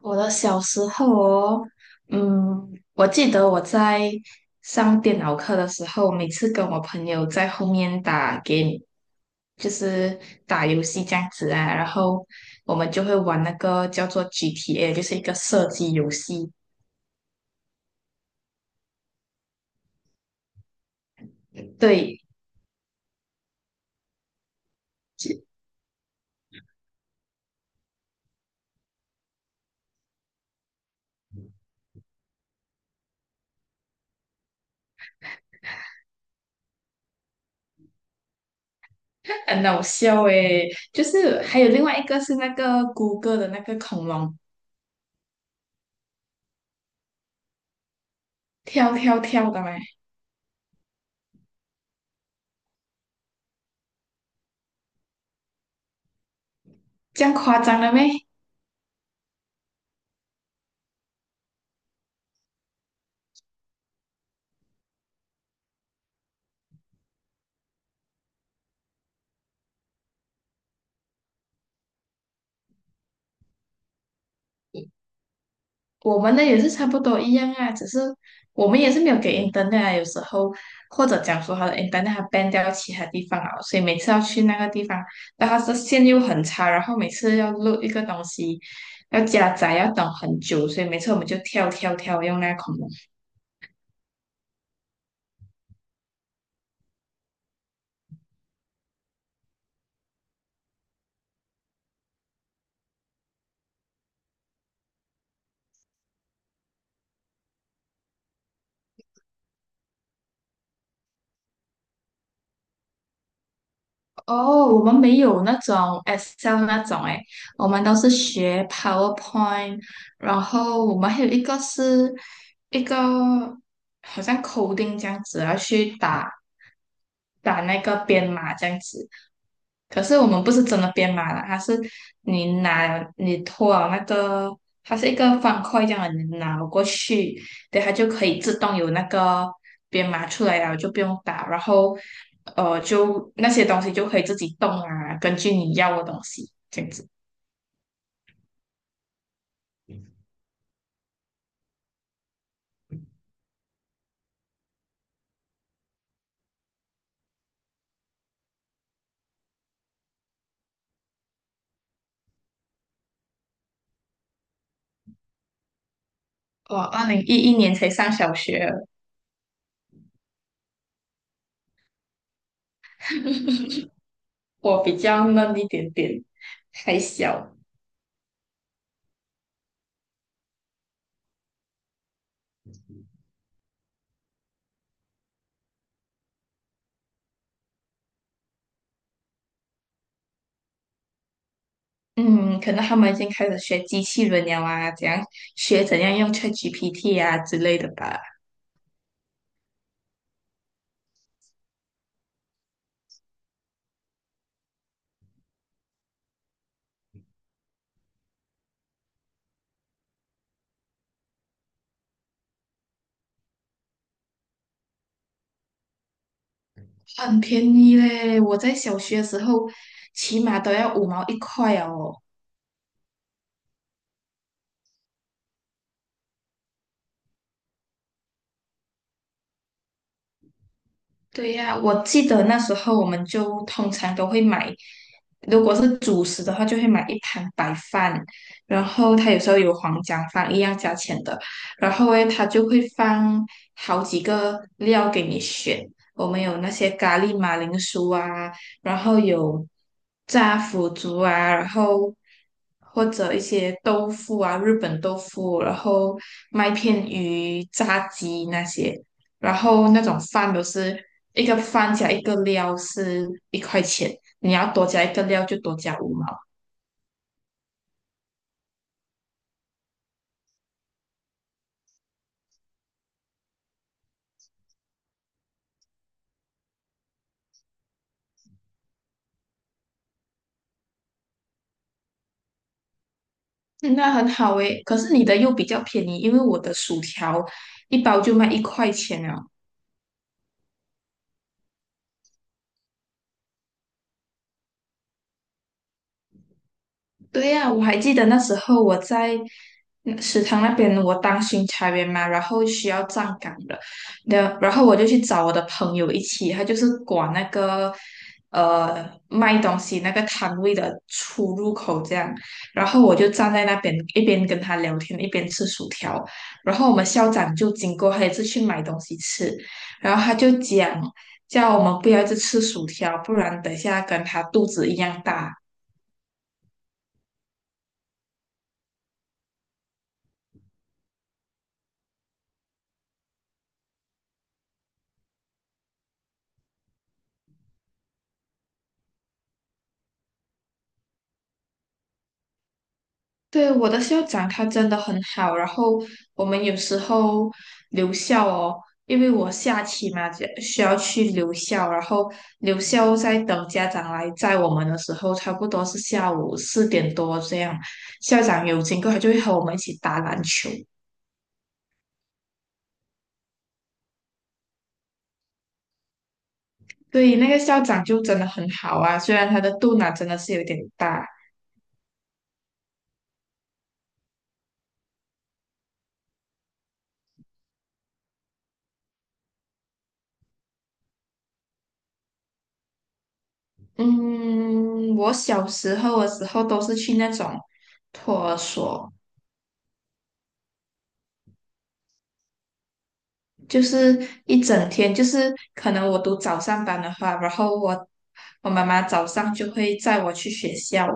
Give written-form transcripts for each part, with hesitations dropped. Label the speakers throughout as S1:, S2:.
S1: 我的小时候哦，嗯，我记得我在上电脑课的时候，每次跟我朋友在后面打 game，就是打游戏这样子啊，然后我们就会玩那个叫做 GTA，就是一个射击游戏，对，很搞笑诶。就是还有另外一个是那个谷歌的那个恐龙跳跳跳的咩，这样夸张了咩？我们的也是差不多一样啊，只是我们也是没有给 internet 啊，有时候或者讲说他的 internet 它 ban 掉其他地方了，所以每次要去那个地方，但它的线又很差，然后每次要录一个东西，要加载要等很久，所以每次我们就跳跳跳用那个恐龙。哦，我们没有那种 Excel 那种诶，我们都是学 PowerPoint，然后我们还有一个好像 coding 这样子，要去打那个编码这样子。可是我们不是真的编码啦，它是你拿你拖了那个，它是一个方块这样的，你拿过去，对，它就可以自动有那个编码出来了，就不用打。然后就那些东西就可以自己动啊，根据你要的东西这样子。我2011年才上小学，我比较嫩一点点，还小。嗯，可能他们已经开始学机器人了啊，怎样学怎样用 ChatGPT 啊之类的吧。很便宜嘞，我在小学的时候起码都要五毛一块哦。对呀，我记得那时候我们就通常都会买，如果是主食的话，就会买一盘白饭，然后它有时候有黄姜饭一样价钱的，然后诶，它就会放好几个料给你选，我们有那些咖喱马铃薯啊，然后有炸腐竹啊，然后或者一些豆腐啊，日本豆腐，然后麦片鱼、炸鸡那些。然后那种饭都是一个饭加一个料是一块钱，你要多加一个料就多加五毛，嗯那很好诶。可是你的又比较便宜，因为我的薯条一包就卖一块钱了。对呀，我还记得那时候我在食堂那边，我当巡查员嘛，然后需要站岗的，然后我就去找我的朋友一起，他就是管那个卖东西那个摊位的出入口这样，然后我就站在那边一边跟他聊天，一边吃薯条，然后我们校长就经过，他也是去买东西吃，然后他就讲。叫我们不要一直吃薯条，不然等一下跟他肚子一样大。对，我的校长他真的很好，然后我们有时候留校哦，因为我下期嘛就需要去留校，然后留校在等家长来载我们的时候，差不多是下午4点多这样，校长有经过，他就会和我们一起打篮球。对，那个校长就真的很好啊，虽然他的肚腩真的是有点大。嗯，我小时候的时候都是去那种托儿所。就是一整天，就是可能我读早上班的话，然后我妈妈早上就会载我去学校，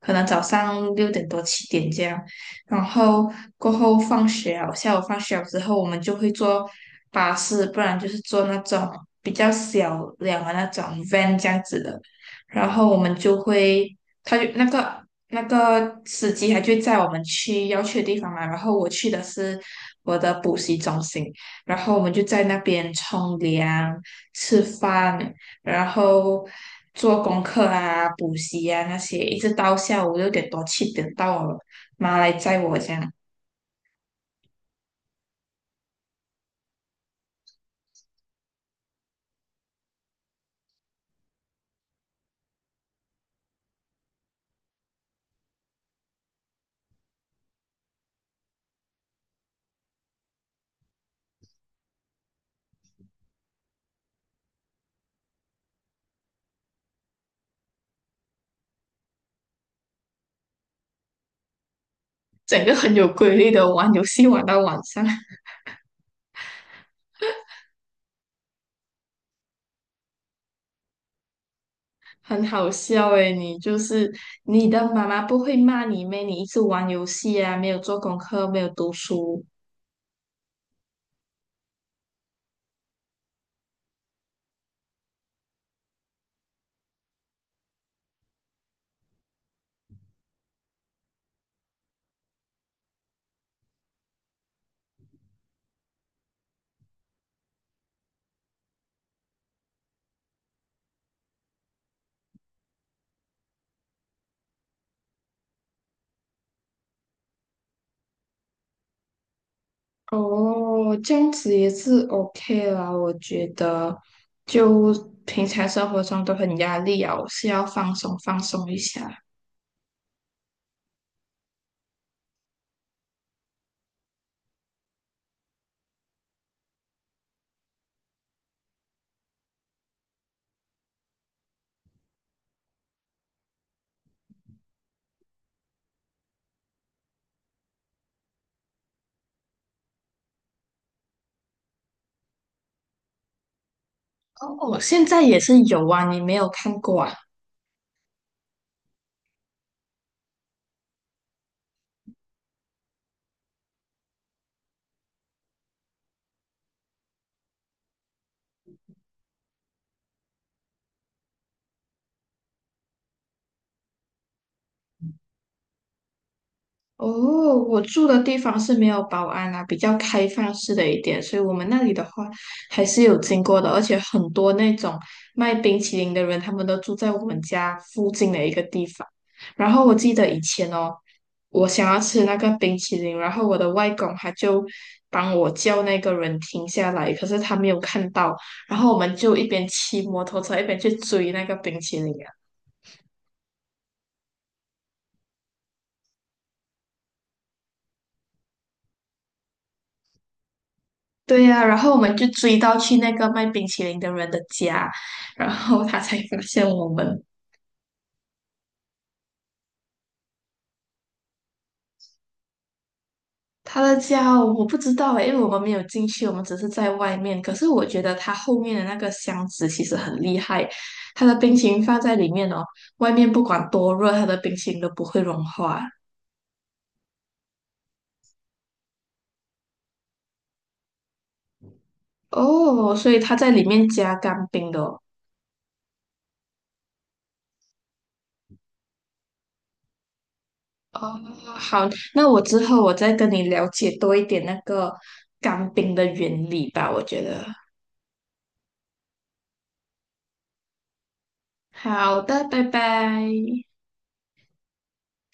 S1: 可能早上六点多七点这样，然后过后放学了，下午放学了之后，我们就会坐巴士，不然就是坐那种比较小辆的那种 van 这样子的，然后我们就会，他就那个。那个司机他就载我们去要去的地方嘛，然后我去的是我的补习中心，然后我们就在那边冲凉、吃饭，然后做功课啊、补习啊那些，一直到下午六点多七点到我妈来载我这样。整个很有规律的玩游戏玩到晚上，很好笑诶。你就是你的妈妈不会骂你咩？你一直玩游戏啊，没有做功课，没有读书，哦，这样子也是 OK 啦，我觉得就平常生活中都很压力啊，我是要放松放松一下。哦，现在也是有啊，你没有看过啊？哦，我住的地方是没有保安啦，比较开放式的一点，所以我们那里的话还是有经过的，而且很多那种卖冰淇淋的人，他们都住在我们家附近的一个地方。然后我记得以前哦，我想要吃那个冰淇淋，然后我的外公他就帮我叫那个人停下来，可是他没有看到，然后我们就一边骑摩托车一边去追那个冰淇淋。对呀、然后我们就追到去那个卖冰淇淋的人的家，然后他才发现我们。他的家哦我不知道诶，因为我们没有进去，我们只是在外面。可是我觉得他后面的那个箱子其实很厉害，他的冰淇淋放在里面哦，外面不管多热，他的冰淇淋都不会融化。哦，所以他在里面加干冰的哦。哦，好，那我之后我再跟你了解多一点那个干冰的原理吧，我觉得。好的，拜拜。